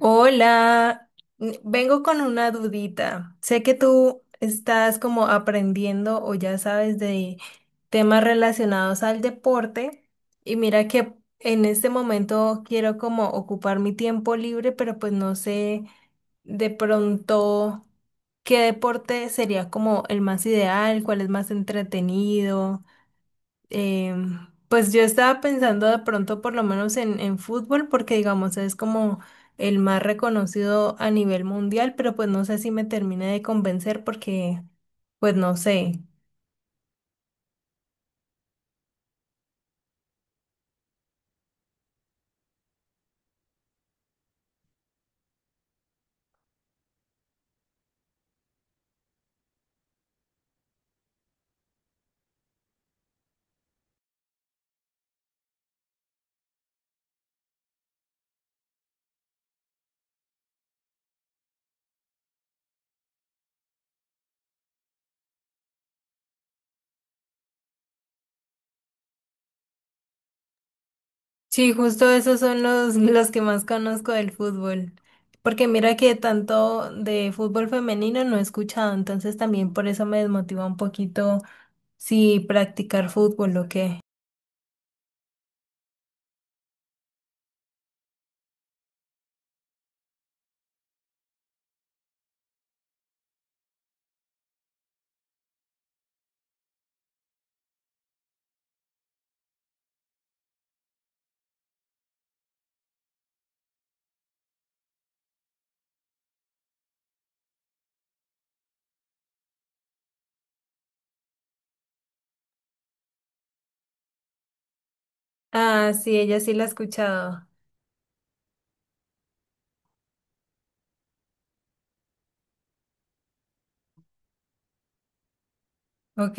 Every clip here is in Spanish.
Hola, vengo con una dudita. Sé que tú estás como aprendiendo o ya sabes de temas relacionados al deporte y mira que en este momento quiero como ocupar mi tiempo libre, pero pues no sé de pronto qué deporte sería como el más ideal, cuál es más entretenido. Pues yo estaba pensando de pronto por lo menos en fútbol, porque digamos es como el más reconocido a nivel mundial, pero pues no sé si me termine de convencer porque pues no sé. Sí, justo esos son los que más conozco del fútbol. Porque mira que tanto de fútbol femenino no he escuchado, entonces también por eso me desmotiva un poquito si practicar fútbol o qué. Ah, sí, ella sí la ha escuchado. Ok.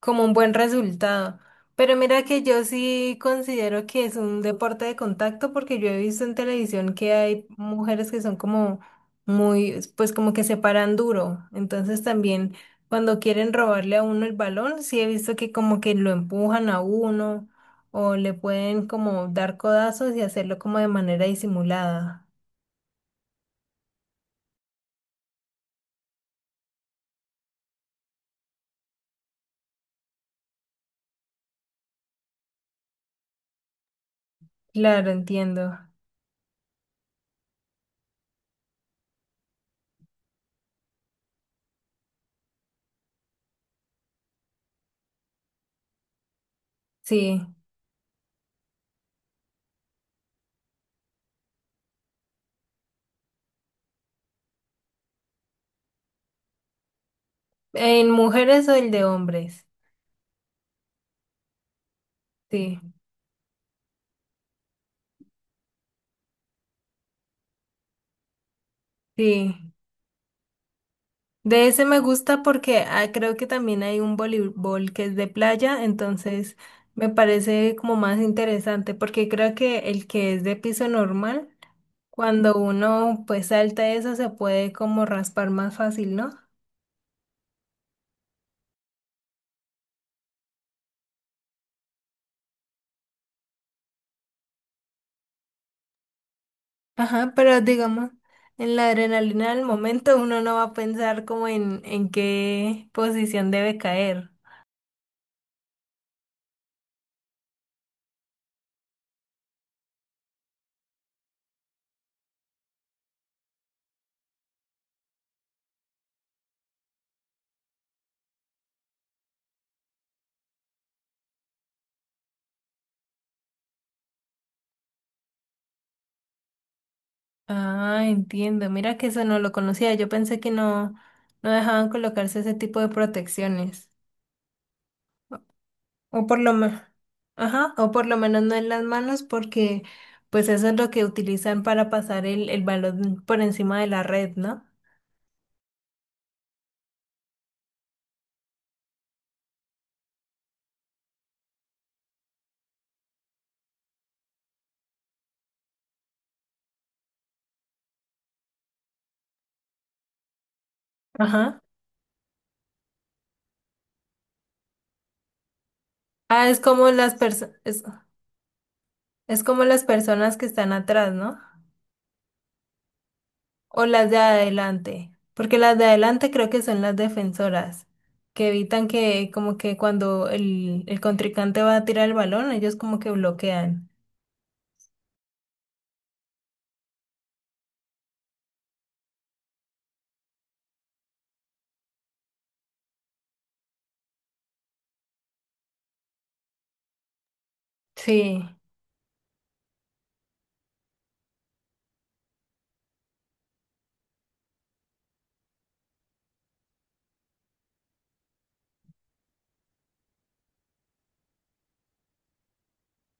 Como un buen resultado. Pero mira que yo sí considero que es un deporte de contacto porque yo he visto en televisión que hay mujeres que son como muy, pues como que se paran duro. Entonces también cuando quieren robarle a uno el balón, sí he visto que como que lo empujan a uno o le pueden como dar codazos y hacerlo como de manera disimulada. Claro, entiendo. Sí. ¿En mujeres o el de hombres? Sí, sí. De ese me gusta porque ah, creo que también hay un voleibol que es de playa, entonces me parece como más interesante porque creo que el que es de piso normal, cuando uno pues salta eso se puede como raspar más fácil, ¿no? Ajá, pero digamos, en la adrenalina del momento uno no va a pensar como en qué posición debe caer. Ah, entiendo, mira que eso no lo conocía, yo pensé que no, no dejaban colocarse ese tipo de protecciones. O por lo menos. Ajá, o por lo menos no en las manos porque pues eso es lo que utilizan para pasar el balón por encima de la red, ¿no? Ajá. Ah, es como las personas, es como las personas que están atrás, ¿no? O las de adelante, porque las de adelante creo que son las defensoras, que evitan que como que cuando el contrincante va a tirar el balón, ellos como que bloquean. Sí,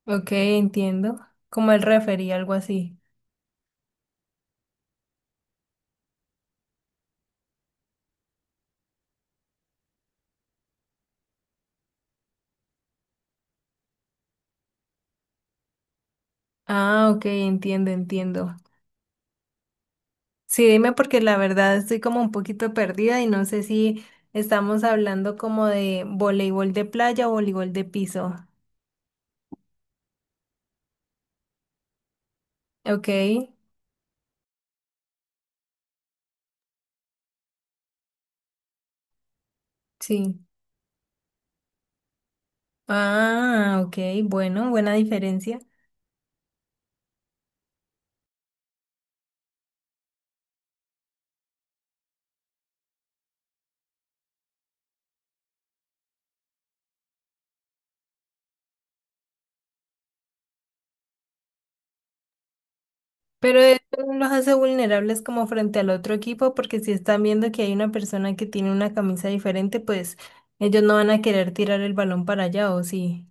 ok, entiendo. Como el referee, algo así. Ah, ok, entiendo, entiendo. Sí, dime porque la verdad estoy como un poquito perdida y no sé si estamos hablando como de voleibol de playa o voleibol de piso. Ok, sí. Ah, ok, bueno, buena diferencia. Pero eso no los hace vulnerables como frente al otro equipo porque si están viendo que hay una persona que tiene una camisa diferente, pues ellos no van a querer tirar el balón para allá, ¿o sí?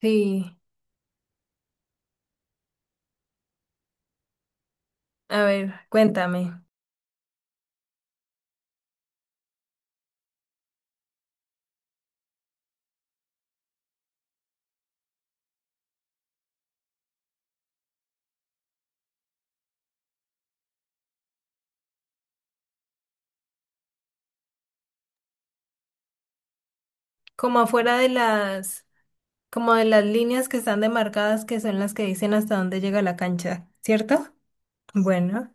Sí. A ver, cuéntame. Como afuera de las... Como de las líneas que están demarcadas, que son las que dicen hasta dónde llega la cancha, ¿cierto? Bueno,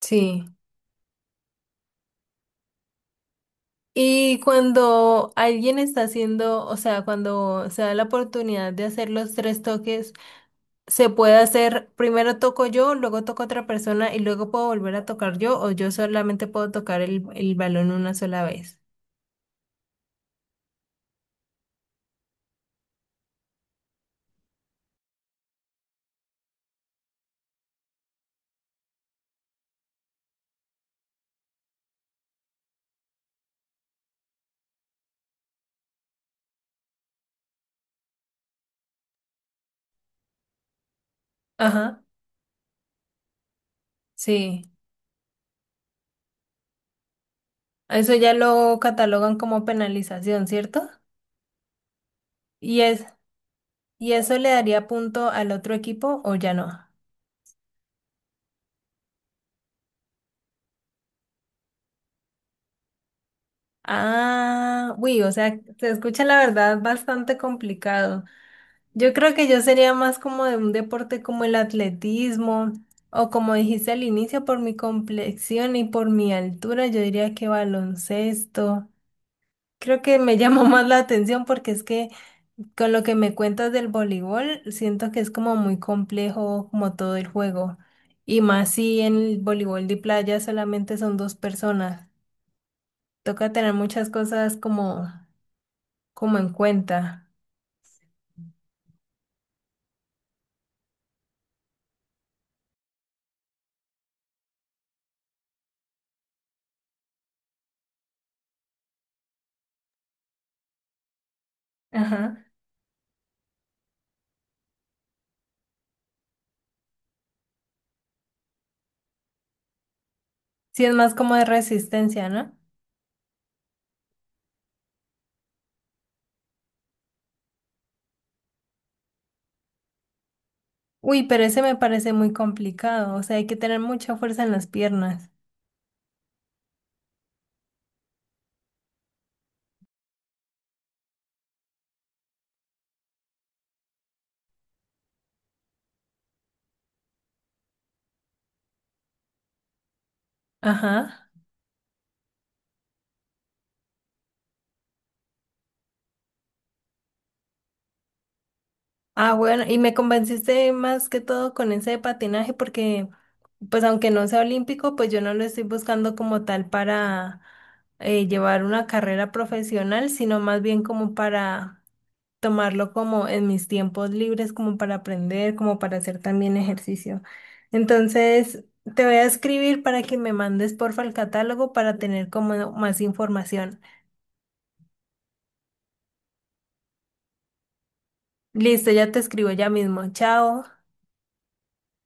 sí. Y cuando alguien está haciendo, o sea, cuando se da la oportunidad de hacer los tres toques, se puede hacer, primero toco yo, luego toco otra persona y luego puedo volver a tocar yo o yo solamente puedo tocar el balón una sola vez. Ajá, sí. Eso ya lo catalogan como penalización, ¿cierto? Y es, ¿Y eso le daría punto al otro equipo o ya no? Ah, uy, o sea, se escucha la verdad bastante complicado. Yo creo que yo sería más como de un deporte como el atletismo o como dijiste al inicio, por mi complexión y por mi altura, yo diría que baloncesto. Creo que me llamó más la atención porque es que con lo que me cuentas del voleibol, siento que es como muy complejo como todo el juego. Y más si en el voleibol de playa solamente son dos personas. Toca tener muchas cosas como en cuenta. Ajá. Sí, es más como de resistencia, ¿no? Uy, pero ese me parece muy complicado. O sea, hay que tener mucha fuerza en las piernas. Ajá. Ah, bueno, y me convenciste más que todo con ese de patinaje porque, pues aunque no sea olímpico, pues yo no lo estoy buscando como tal para llevar una carrera profesional, sino más bien como para tomarlo como en mis tiempos libres, como para aprender, como para hacer también ejercicio. Entonces, te voy a escribir para que me mandes porfa el catálogo para tener como más información. Listo, ya te escribo ya mismo. Chao.